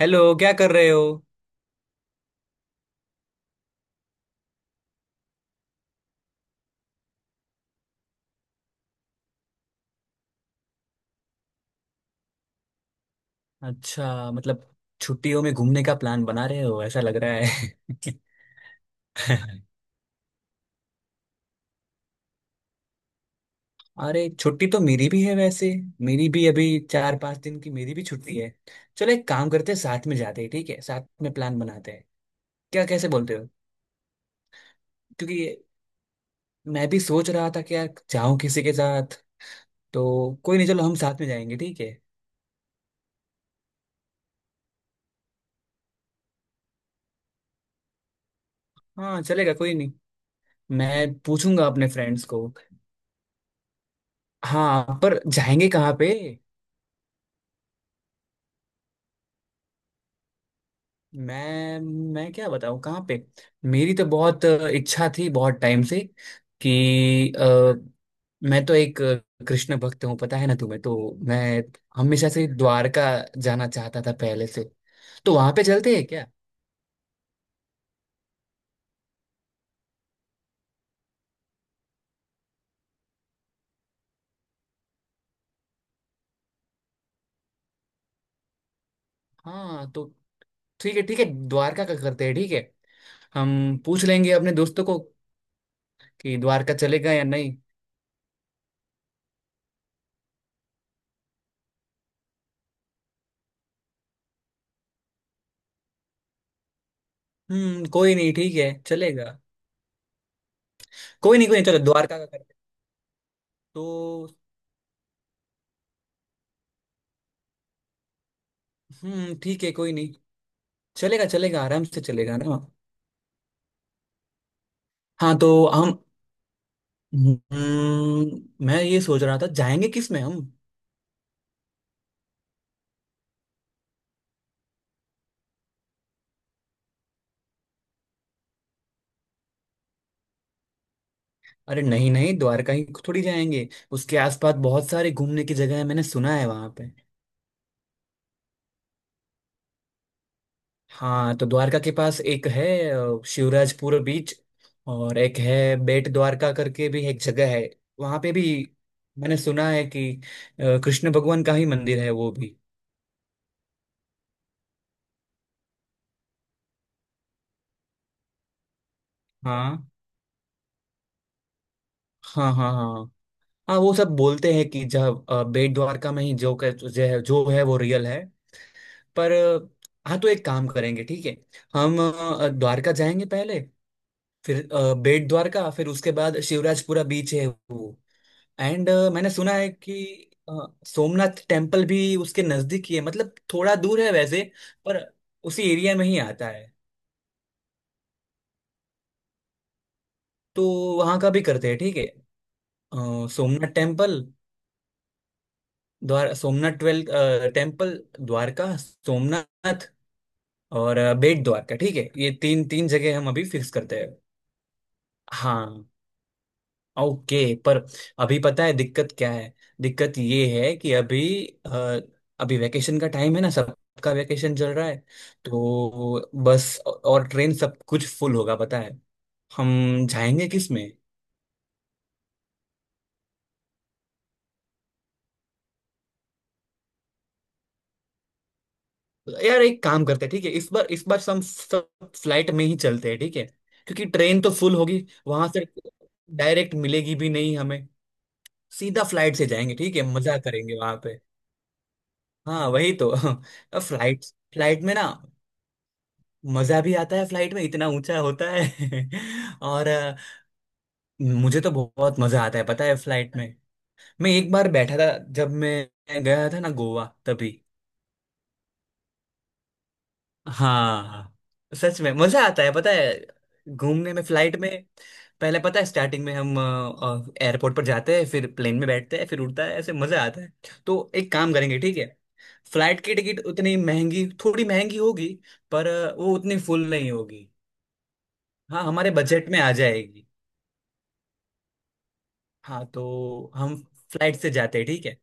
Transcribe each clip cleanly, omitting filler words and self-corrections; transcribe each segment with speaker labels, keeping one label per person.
Speaker 1: Hello, क्या कर रहे हो? अच्छा, मतलब छुट्टियों में घूमने का प्लान बना रहे हो, ऐसा लग रहा है। अरे, छुट्टी तो मेरी भी है वैसे। मेरी भी अभी 4 5 दिन की मेरी भी छुट्टी है। चलो एक काम करते हैं, साथ में जाते हैं, ठीक है, साथ में प्लान बनाते हैं। क्या कैसे बोलते हो? क्योंकि मैं भी सोच रहा था कि यार, जाऊं किसी के साथ, तो। कोई नहीं, चलो हम साथ में जाएंगे, ठीक है। हाँ चलेगा, कोई नहीं। मैं पूछूंगा अपने फ्रेंड्स को। हाँ, पर जाएंगे कहाँ पे? मैं मैं क्या बताऊं कहाँ पे। मेरी तो बहुत इच्छा थी बहुत टाइम से। कि मैं तो एक कृष्ण भक्त हूँ, पता है ना तुम्हें तो। मैं हमेशा से द्वारका जाना चाहता था पहले से। तो वहां पे चलते हैं क्या? हाँ तो ठीक है ठीक है, द्वारका का करते हैं, ठीक है। हम पूछ लेंगे अपने दोस्तों को कि द्वारका चलेगा या नहीं। हम्म, कोई नहीं, ठीक है, चलेगा। कोई नहीं कोई नहीं, चलो द्वारका का करते हैं। तो ठीक है, कोई नहीं। चलेगा चलेगा, आराम से चलेगा ना। हाँ तो हम, मैं ये सोच रहा था, जाएंगे किस में हम। अरे नहीं नहीं, द्वारका ही थोड़ी जाएंगे, उसके आसपास बहुत सारे घूमने की जगह है, मैंने सुना है वहाँ पे। हाँ तो द्वारका के पास एक है शिवराजपुर बीच। और एक है बेट द्वारका करके भी एक जगह है। वहाँ पे भी मैंने सुना है कि कृष्ण भगवान का ही मंदिर है वो भी। हाँ हाँ हाँ हाँ हाँ, वो सब बोलते हैं कि जब बेट द्वारका में ही जो है वो रियल है, पर। हाँ तो एक काम करेंगे, ठीक है। हम द्वारका जाएंगे पहले। फिर बेट द्वारका, फिर उसके बाद शिवराजपुरा बीच है वो। एंड मैंने सुना है कि अ, सोमनाथ टेम्पल भी उसके नजदीक ही है, मतलब थोड़ा दूर है वैसे, पर उसी एरिया में ही आता है। तो वहाँ का भी करते हैं, ठीक है। सोमनाथ टेम्पल, द्वार सोमनाथ ट्वेल्थ टेम्पल, द्वारका सोमनाथ और बेट द्वारका, ठीक है, ये तीन तीन जगह हम अभी फिक्स करते हैं। हाँ, ओके। पर अभी पता है दिक्कत क्या है? दिक्कत ये है कि अभी अ, अभी वैकेशन का टाइम है ना, सबका वैकेशन चल रहा है। तो बस और ट्रेन सब कुछ फुल होगा, पता है। हम जाएंगे किस में? यार एक काम करते हैं, ठीक है, इस बार हम सब फ्लाइट में ही चलते हैं, ठीक है, क्योंकि ट्रेन तो फुल होगी वहां से, डायरेक्ट मिलेगी भी नहीं हमें। सीधा फ्लाइट से जाएंगे, ठीक है, मजा करेंगे वहां पे। हाँ वही तो। फ्लाइट फ्लाइट में ना, मजा भी आता है फ्लाइट में, इतना ऊंचा होता है। और मुझे तो बहुत मजा आता है, पता है, फ्लाइट में। मैं एक बार बैठा था, जब मैं गया था ना गोवा, तभी। हाँ, सच में मजा आता है, पता है, घूमने में फ्लाइट में। पहले पता है, स्टार्टिंग में हम एयरपोर्ट पर जाते हैं, फिर प्लेन में बैठते हैं, फिर उड़ता है, ऐसे मजा आता है। तो एक काम करेंगे, ठीक है, फ्लाइट की टिकट उतनी महंगी थोड़ी महंगी होगी, पर वो उतनी फुल नहीं होगी। हाँ, हमारे बजट में आ जाएगी। हाँ तो हम फ्लाइट से जाते हैं, ठीक है।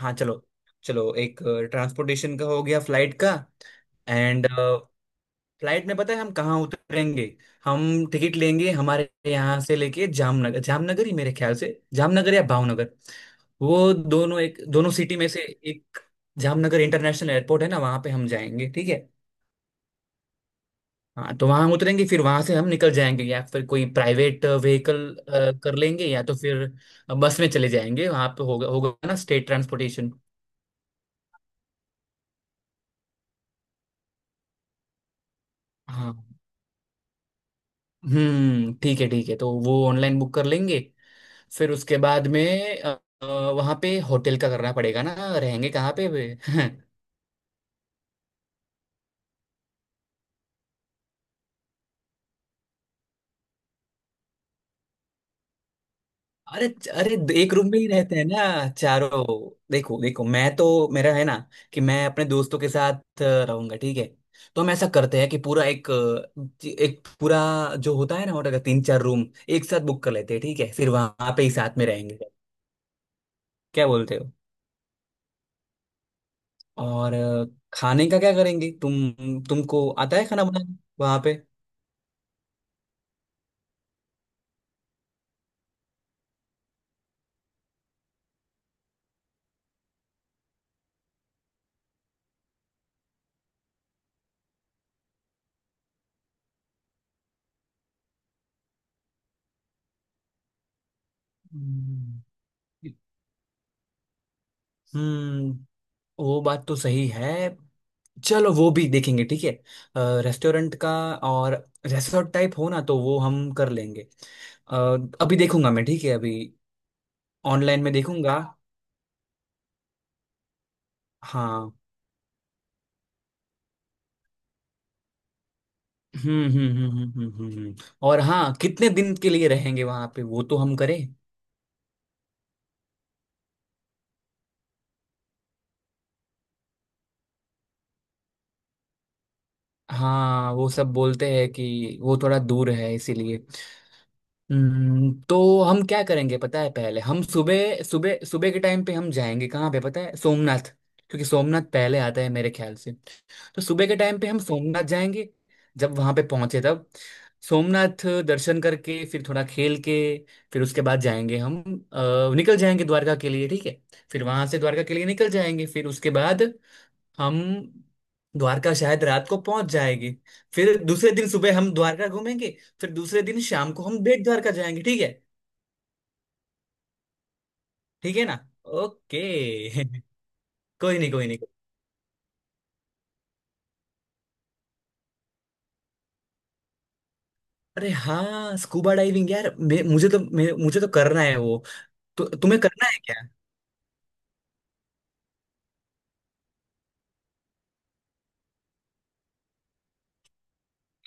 Speaker 1: हाँ चलो, चलो एक ट्रांसपोर्टेशन का हो गया, फ्लाइट का। एंड फ्लाइट में पता है हम कहाँ उतरेंगे? हम टिकट लेंगे हमारे यहाँ से लेके जामनगर, जामनगर ही मेरे ख्याल से। जामनगर या भावनगर, वो दोनों, एक दोनों सिटी में से एक। जामनगर इंटरनेशनल एयरपोर्ट है ना, वहाँ पे हम जाएंगे, ठीक है। हाँ तो वहां हम उतरेंगे, फिर वहां से हम निकल जाएंगे या फिर कोई प्राइवेट व्हीकल कर लेंगे, या तो फिर बस में चले जाएंगे, वहां पे होगा होगा ना, स्टेट ट्रांसपोर्टेशन। हाँ, हम्म, ठीक है ठीक है, तो वो ऑनलाइन बुक कर लेंगे। फिर उसके बाद में वहां पे होटल का करना पड़ेगा ना, रहेंगे कहाँ पे वे? अरे अरे, एक रूम में ही रहते हैं ना चारों। देखो देखो, मैं तो, मेरा है ना कि मैं अपने दोस्तों के साथ रहूंगा, ठीक है। तो हम ऐसा करते हैं कि पूरा एक पूरा जो होता है ना होटल का, तीन चार रूम एक साथ बुक कर लेते हैं, ठीक है, फिर वहां पे ही साथ में रहेंगे। क्या बोलते हो? और खाने का क्या करेंगे, तुमको आता है खाना बनाना वहां पे? हम्म, हम्म, वो बात तो सही है। चलो वो भी देखेंगे, ठीक है, रेस्टोरेंट का। और रिसोर्ट टाइप हो ना तो वो हम कर लेंगे। अ, अभी देखूंगा मैं, ठीक है, अभी ऑनलाइन में देखूंगा। हाँ, हम्म हम्म हम्म हम्म हम्म हम्म, हम्म। और हाँ, कितने दिन के लिए रहेंगे वहां पे, वो तो हम करें। हाँ वो सब बोलते हैं कि वो थोड़ा दूर है इसीलिए। तो हम क्या करेंगे पता है, पहले हम सुबह सुबह सुबह के टाइम पे हम जाएंगे कहाँ पे पता है, सोमनाथ। क्योंकि सोमनाथ पहले आता है मेरे ख्याल से। तो सुबह के टाइम पे हम सोमनाथ जाएंगे, जब वहां पे पहुंचे तब। सोमनाथ दर्शन करके, फिर थोड़ा खेल के, फिर उसके बाद जाएंगे हम, निकल जाएंगे द्वारका के लिए, ठीक है। फिर वहां से द्वारका के लिए निकल जाएंगे, फिर उसके बाद हम द्वारका शायद रात को पहुंच जाएंगे। फिर दूसरे दिन सुबह हम द्वारका घूमेंगे। फिर दूसरे दिन शाम को हम बेट द्वारका जाएंगे, ठीक है। ठीक है ना? ओके। कोई नहीं कोई नहीं। अरे हाँ, स्कूबा डाइविंग यार, मुझे तो करना है वो। तुम्हें करना है क्या?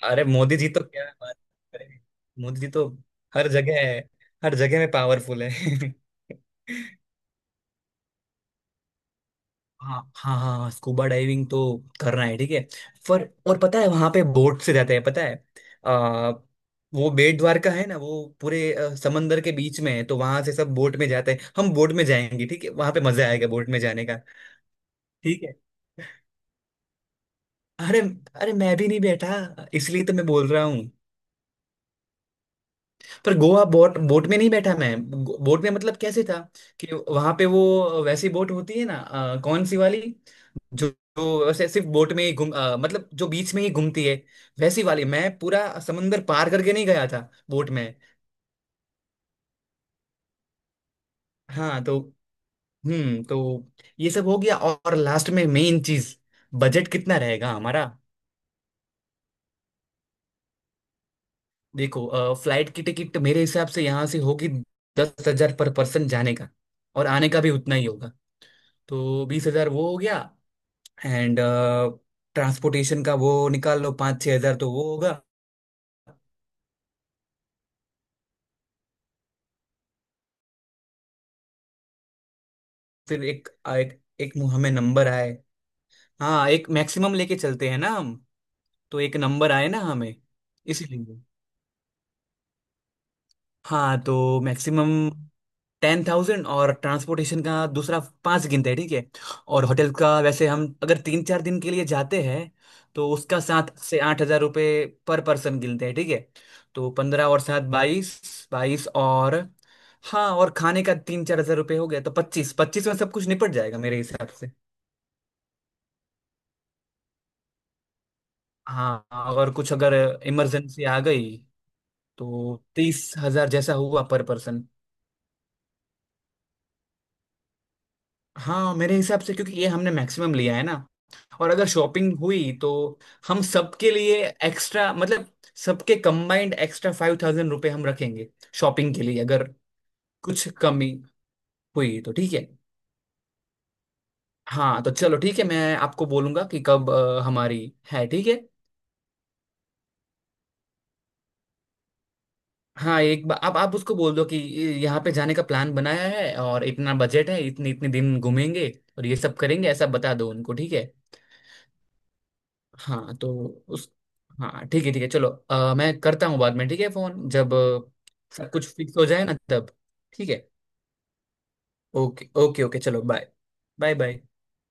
Speaker 1: अरे मोदी जी तो क्या बात करें। मोदी जी तो हर जगह है, हर जगह में पावरफुल है। हाँ हाँ हाँ हाँ, स्कूबा डाइविंग तो करना है, ठीक है। पर और पता है वहां पे बोट से जाते हैं, पता है? आ, वो बेट द्वारका है ना वो पूरे समंदर के बीच में है, तो वहां से सब बोट में जाते हैं, हम बोट में जाएंगे, ठीक है, वहां पे मजा आएगा बोट में जाने का। ठीक है। अरे अरे, मैं भी नहीं बैठा इसलिए तो मैं बोल रहा। पर गोवा, बोट बोट में नहीं बैठा मैं। बोट में मतलब कैसे था, कि वहां पे वो वैसी बोट होती है ना, कौन सी वाली, जो जो वैसे सिर्फ बोट में ही घूम, मतलब जो बीच में ही घूमती है। वैसी वाली, मैं पूरा समंदर पार करके नहीं गया था बोट में। हाँ तो, तो ये सब हो गया, और लास्ट में मेन चीज, बजट कितना रहेगा हमारा? देखो फ्लाइट की टिकट मेरे हिसाब से यहाँ से होगी 10 हजार पर पर्सन जाने का, और आने का भी उतना ही होगा, तो 20 हजार वो हो गया। एंड ट्रांसपोर्टेशन का वो निकाल लो, 5 6 हजार तो वो होगा। फिर एक एक एक मुँह हमें नंबर आए। हाँ, एक मैक्सिमम लेके चलते हैं ना हम। तो एक नंबर आए ना हमें, इसीलिए। हाँ तो मैक्सिमम 10,000 और ट्रांसपोर्टेशन का दूसरा पाँच गिनते हैं, ठीक है। और होटल का वैसे हम अगर 3 4 दिन के लिए जाते हैं तो उसका 7 से 8 हजार रुपये पर पर्सन गिनते हैं, ठीक है। तो 15 और 7, 22, 22 और, हाँ, और खाने का 3 4 हजार रुपये हो गया, तो 25, 25 में सब कुछ निपट जाएगा मेरे हिसाब से। हाँ, अगर इमरजेंसी आ गई तो 30 हजार जैसा हुआ पर पर्सन। हाँ मेरे हिसाब से, क्योंकि ये हमने मैक्सिमम लिया है ना। और अगर शॉपिंग हुई तो हम सबके लिए एक्स्ट्रा, मतलब सबके कंबाइंड एक्स्ट्रा 5,000 रुपये हम रखेंगे शॉपिंग के लिए, अगर कुछ कमी हुई तो, ठीक है। हाँ तो चलो ठीक है, मैं आपको बोलूंगा कि कब हमारी है, ठीक है। हाँ, एक बार आप उसको बोल दो कि यहाँ पे जाने का प्लान बनाया है और इतना बजट है, इतने इतने दिन घूमेंगे और ये सब करेंगे, ऐसा बता दो उनको, ठीक है। हाँ तो उस, हाँ ठीक है ठीक है, चलो मैं करता हूँ बाद में ठीक है फोन, जब सब कुछ फिक्स हो जाए ना तब, ठीक है। ओके ओके ओके, चलो बाय बाय बाय।